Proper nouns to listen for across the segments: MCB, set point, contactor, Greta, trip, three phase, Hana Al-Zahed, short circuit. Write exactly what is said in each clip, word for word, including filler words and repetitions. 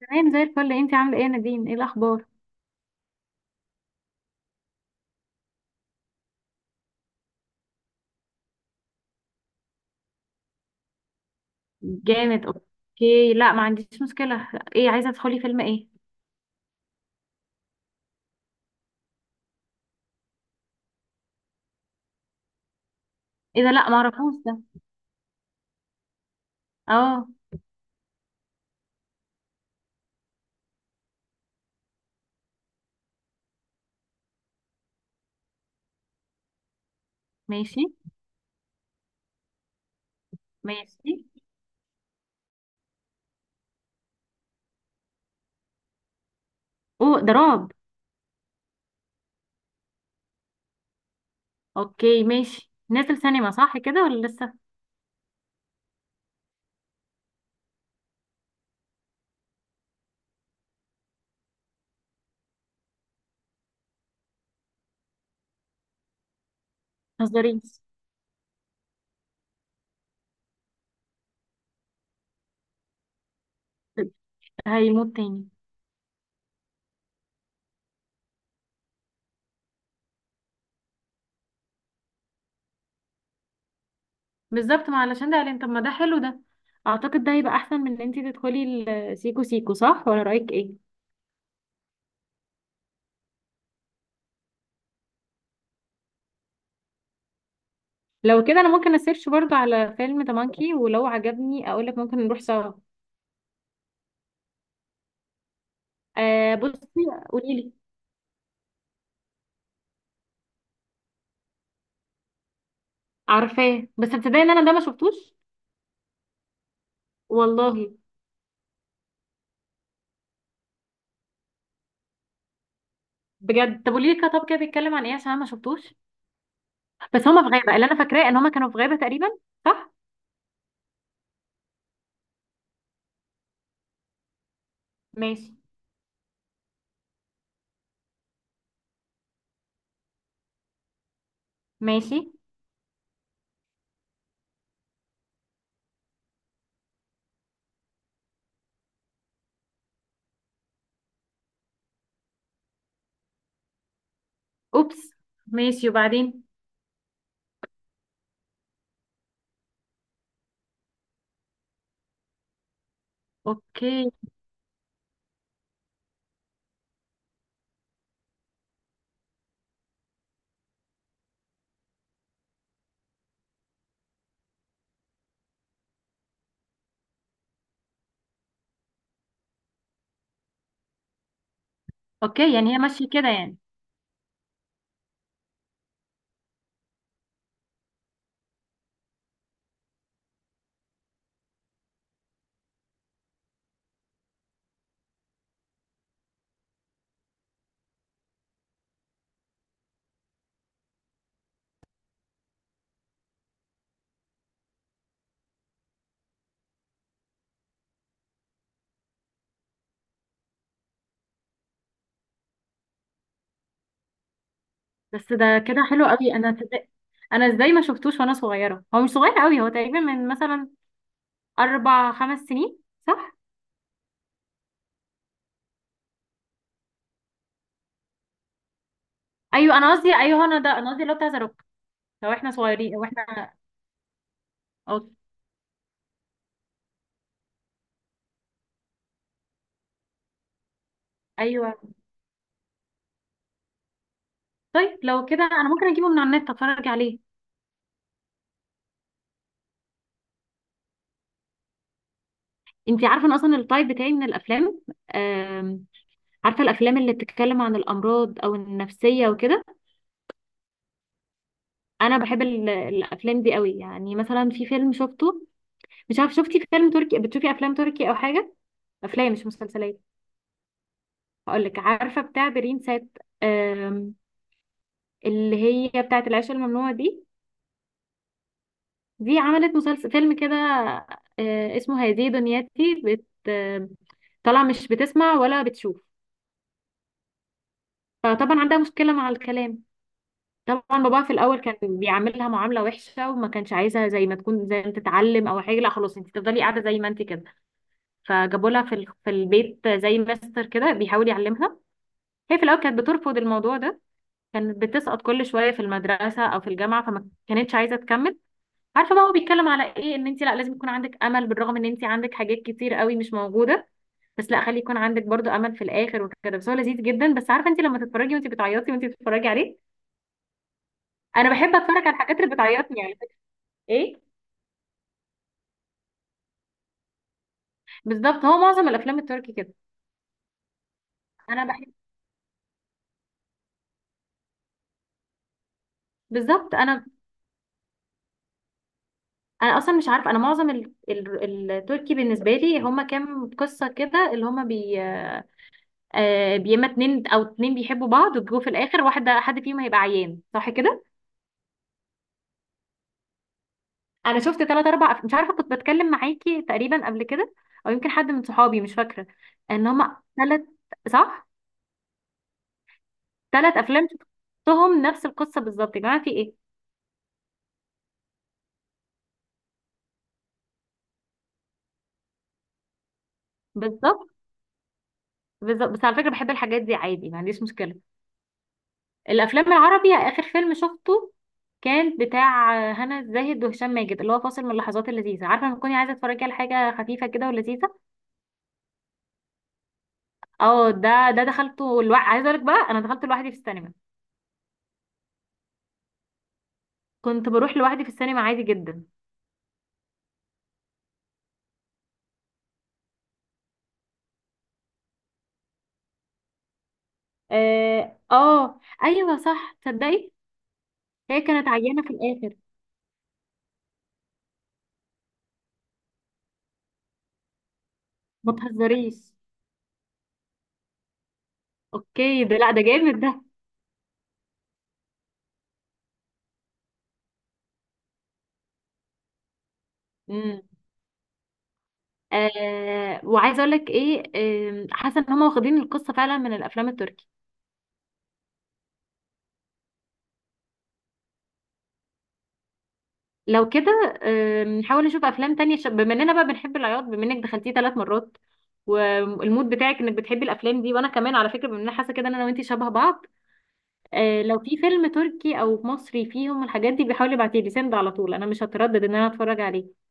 تمام زي الفل. انتي عامله ايه يا نادين؟ ايه الاخبار؟ جامد. اوكي، لا، ما عنديش مشكله. ايه؟ عايزه تدخلي فيلم ايه؟ ايه ده؟ لا، ما اعرفوش ده. اه. ماشي. ماشي. اوه، ده رعب. اوكي، ماشي. نازل سينما صح كده ولا لسه؟ ما تهزريش. هيموت تاني؟ بالظبط. ما علشان ده قال، طب ما ده حلو ده. اعتقد ده هيبقى احسن من ان انتي تدخلي السيكو سيكو، صح ولا رايك ايه؟ لو كده انا ممكن اسيرش برضو على فيلم تمانكي، ولو عجبني اقولك، ممكن نروح سوا. آه، بصي. قولي لي. عارفاه بس تصدقي ان انا ده ما شفتوش. والله. بجد؟ طب قولي لي كده، طب كده بيتكلم عن ايه عشان انا ما شفتوش. بس هما في غابه. اللي انا فاكراه ان هما كانوا في غابه تقريبا، صح؟ ماشي. ماشي. اوبس. ماشي، وبعدين؟ اوكي. اوكي، يعني هي ماشيه كده يعني. بس ده كده حلو قوي. انا تصدق، انا ازاي ما شفتوش وانا صغيره؟ هو مش صغير قوي، هو تقريبا من مثلا اربع خمس سنين، صح؟ ايوه، انا قصدي. ايوه، انا ده انا قصدي اللي هو بتاع ذا روك لو احنا صغيرين او احنا أو... ايوه. طيب لو كده انا ممكن اجيبه من على النت اتفرج عليه. انت عارفه ان اصلا التايب بتاعي من الافلام، آم، عارفه الافلام اللي بتتكلم عن الامراض او النفسيه وكده. انا بحب ال- الافلام دي قوي. يعني مثلا في فيلم شفته، مش عارف، شفتي فيلم تركي؟ بتشوفي افلام تركي او حاجه؟ افلام مش مسلسلات. هقول لك، عارفه بتاع برين سات، آم، اللي هي بتاعه العيش الممنوع دي. دي عملت مسلسل فيلم كده، آه، اسمه هذه دنياتي. بت آم، طالعه مش بتسمع ولا بتشوف. فطبعا عندها مشكلة مع الكلام. طبعا باباها في الأول كان بيعاملها معاملة وحشة، وما كانش عايزها زي ما تكون، زي ما تتعلم أو حاجة. لا، خلاص، انت تفضلي قاعدة زي ما انت كده. فجابوا لها في ال- في البيت زي ماستر كده بيحاول يعلمها. هي في الأول كانت بترفض الموضوع ده. كانت بتسقط كل شوية في المدرسة أو في الجامعة، فما كانتش عايزة تكمل. عارفة بقى هو بيتكلم على ايه؟ ان انت، لا، لازم يكون عندك أمل، بالرغم ان انت عندك حاجات كتير قوي مش موجودة. بس لا، خلي يكون عندك برضو امل في الاخر وكده. بس هو لذيذ جدا. بس عارفه انت لما تتفرجي، وانت بتعيطي وانت بتتفرجي عليه. انا بحب اتفرج على الحاجات اللي بتعيطني يعني. ايه، بالظبط. هو معظم الافلام التركي كده. انا بحب بالظبط. انا انا اصلا مش عارفه، انا معظم ال... ال... التركي بالنسبه لي هما كام قصه كده اللي هما بي آه بيما. اتنين او اتنين بيحبوا بعض، وجو في الاخر واحده حد فيهم هيبقى عيان، صح كده؟ انا شفت تلات اربع أف- مش عارفه، كنت بتكلم معاكي تقريبا قبل كده، او يمكن حد من صحابي، مش فاكره. ان هما تلات، صح؟ تلات افلام شفتهم نفس القصه بالظبط، يا جماعه، في ايه؟ بالظبط. بالظبط، بس على فكرة بحب الحاجات دي عادي، ما عنديش مشكلة. الأفلام العربي، آخر فيلم شفته كان بتاع هنا الزاهد وهشام ماجد، اللي هو فاصل من اللحظات اللذيذة. عارفة لما تكوني عايزة تتفرجي على حاجة خفيفة كده ولذيذة. اه، ده ده دخلته الوا... عايزة أقولك بقى، أنا دخلت لوحدي في السينما. كنت بروح لوحدي في السينما عادي جدا. اه. آه، أيوه، صح، تصدقي، هي كانت عيانة في الآخر. ما تهزريش. اوكي، ده لا، ده جامد ده. آه، وعايزه اقول لك ايه؟ آم، حاسه ان هم واخدين القصه فعلا من الافلام التركي. لو كده، آم، نحاول نشوف افلام تانية. ش- بما اننا بقى بنحب العياط، بما انك دخلتيه ثلاث مرات، والمود بتاعك انك بتحبي الافلام دي، وانا كمان على فكره بما اننا حاسه كده ان انا وانتي شبه بعض. آه، لو في فيلم تركي او مصري فيهم الحاجات دي، بيحاول يبعتيه لي سند على طول، انا مش هتردد ان انا اتفرج عليه.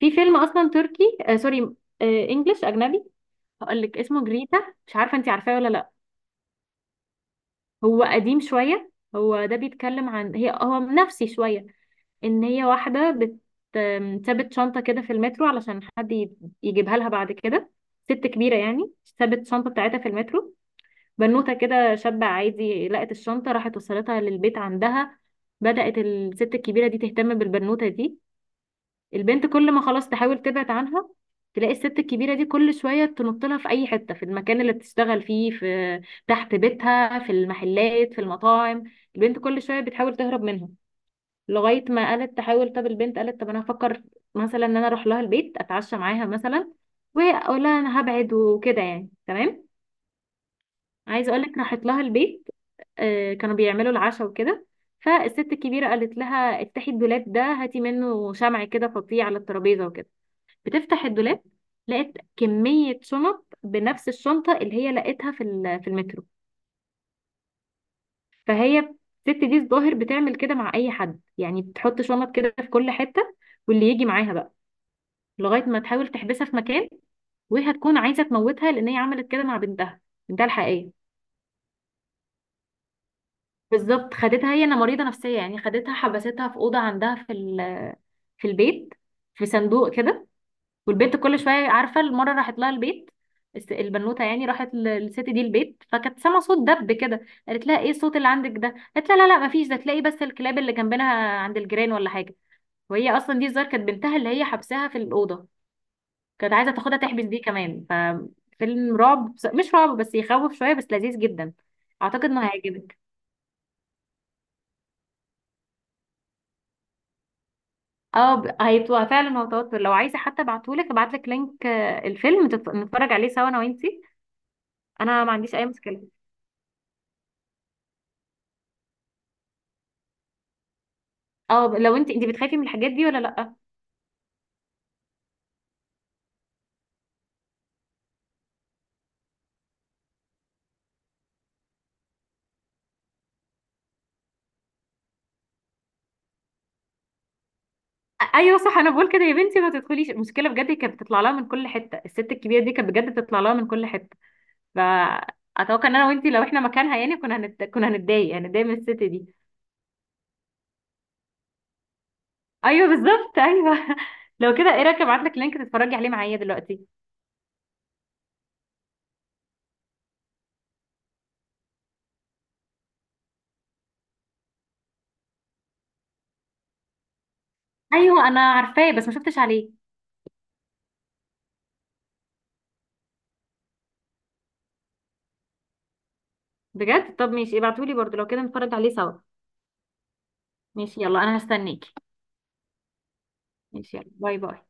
في فيلم اصلا تركي، آه سوري، آه انجلش اجنبي. هقول لك اسمه جريتا. مش عارفه انتي عارفاه ولا؟ هو قديم شوية. هو ده بيتكلم عن، هي هو نفسي شوية، ان هي واحدة بت آم، سابت شنطة كده في المترو علشان حد ي- يجيبها لها بعد كده. ست كبيرة يعني. سابت الشنطة بتاعتها في المترو. بنوتة كده شابة عادي لقت الشنطة، راحت وصلتها للبيت عندها. بدأت الست الكبيرة دي تهتم بالبنوتة دي. البنت كل ما خلاص تحاول تبعد عنها، تلاقي الست الكبيرة دي كل شوية تنط لها في أي حتة، في المكان اللي بتشتغل فيه، في تحت بيتها، في المحلات، في المطاعم. البنت كل شوية بتحاول تهرب منها لغاية ما قالت تحاول. طب البنت قالت، طب أنا هفكر مثلا إن أنا أروح لها البيت، أتعشى معاها مثلا، وأقول لها أنا هبعد وكده يعني، تمام. عايزة أقولك، راحت لها البيت. آه، كانوا بيعملوا العشاء وكده. فالست الكبيرة قالت لها، افتحي الدولاب ده هاتي منه شمع كده فظيع على الترابيزة وكده. بتفتح الدولاب، لقيت كمية شنط بنفس الشنطة اللي هي لقيتها في ال- في المترو. فهي، الست دي الظاهر بتعمل كده مع أي حد يعني، بتحط شنط كده في كل حتة، واللي يجي معاها بقى، لغاية ما تحاول تحبسها في مكان. وهي هتكون عايزة تموتها، لأن هي عملت كده مع بنتها، بنتها الحقيقية. بالظبط. خدتها، هي أنا مريضة نفسية يعني، خدتها حبستها في أوضة عندها في ال- في البيت، في صندوق كده. والبنت كل شويه، عارفه، المره راحت لها البيت، الس- البنوته يعني راحت ل- للست دي البيت، فكانت سامعه صوت دب كده. قالت لها، ايه الصوت اللي عندك ده؟ قالت لها، لا لا، مفيش، ده تلاقي بس الكلاب اللي جنبنا عند الجيران ولا حاجه. وهي اصلا دي الظاهر كانت بنتها اللي هي حبسها في الاوضه، كانت عايزه تاخدها تحبس دي كمان. ففيلم رعب بس- مش رعب بس، يخوف شويه بس لذيذ جدا. اعتقد انه هيعجبك. اه، ب- هيبقى فعلا هو توتر. لو عايزه حتى ابعتهولك، ابعتلك لينك آه، الفيلم، تت- نتفرج عليه سوا انا وانتي. انا ما عنديش اي مشكله. اه، لو انت انت بتخافي من الحاجات دي ولا لا؟ أ- ايوه، صح، انا بقول كده يا بنتي ما تدخليش. المشكله بجد كانت بتطلع لها من كل حته، الست الكبيره دي كانت بجد بتطلع لها من كل حته. فاتوقع ان انا وانت لو احنا مكانها يعني، كنا هنت... كنا هنتضايق هنتضايق من الست دي. ايوه، بالظبط، ايوه. لو كده ايه رايك ابعت لك لينك تتفرجي عليه معايا دلوقتي؟ ايوه، انا عارفاه بس ما شفتش عليه. بجد؟ طب ماشي، ابعتولي برضو لو كده نتفرج عليه سوا. ماشي، يلا، انا هستنيكي. ماشي، يلا، باي باي.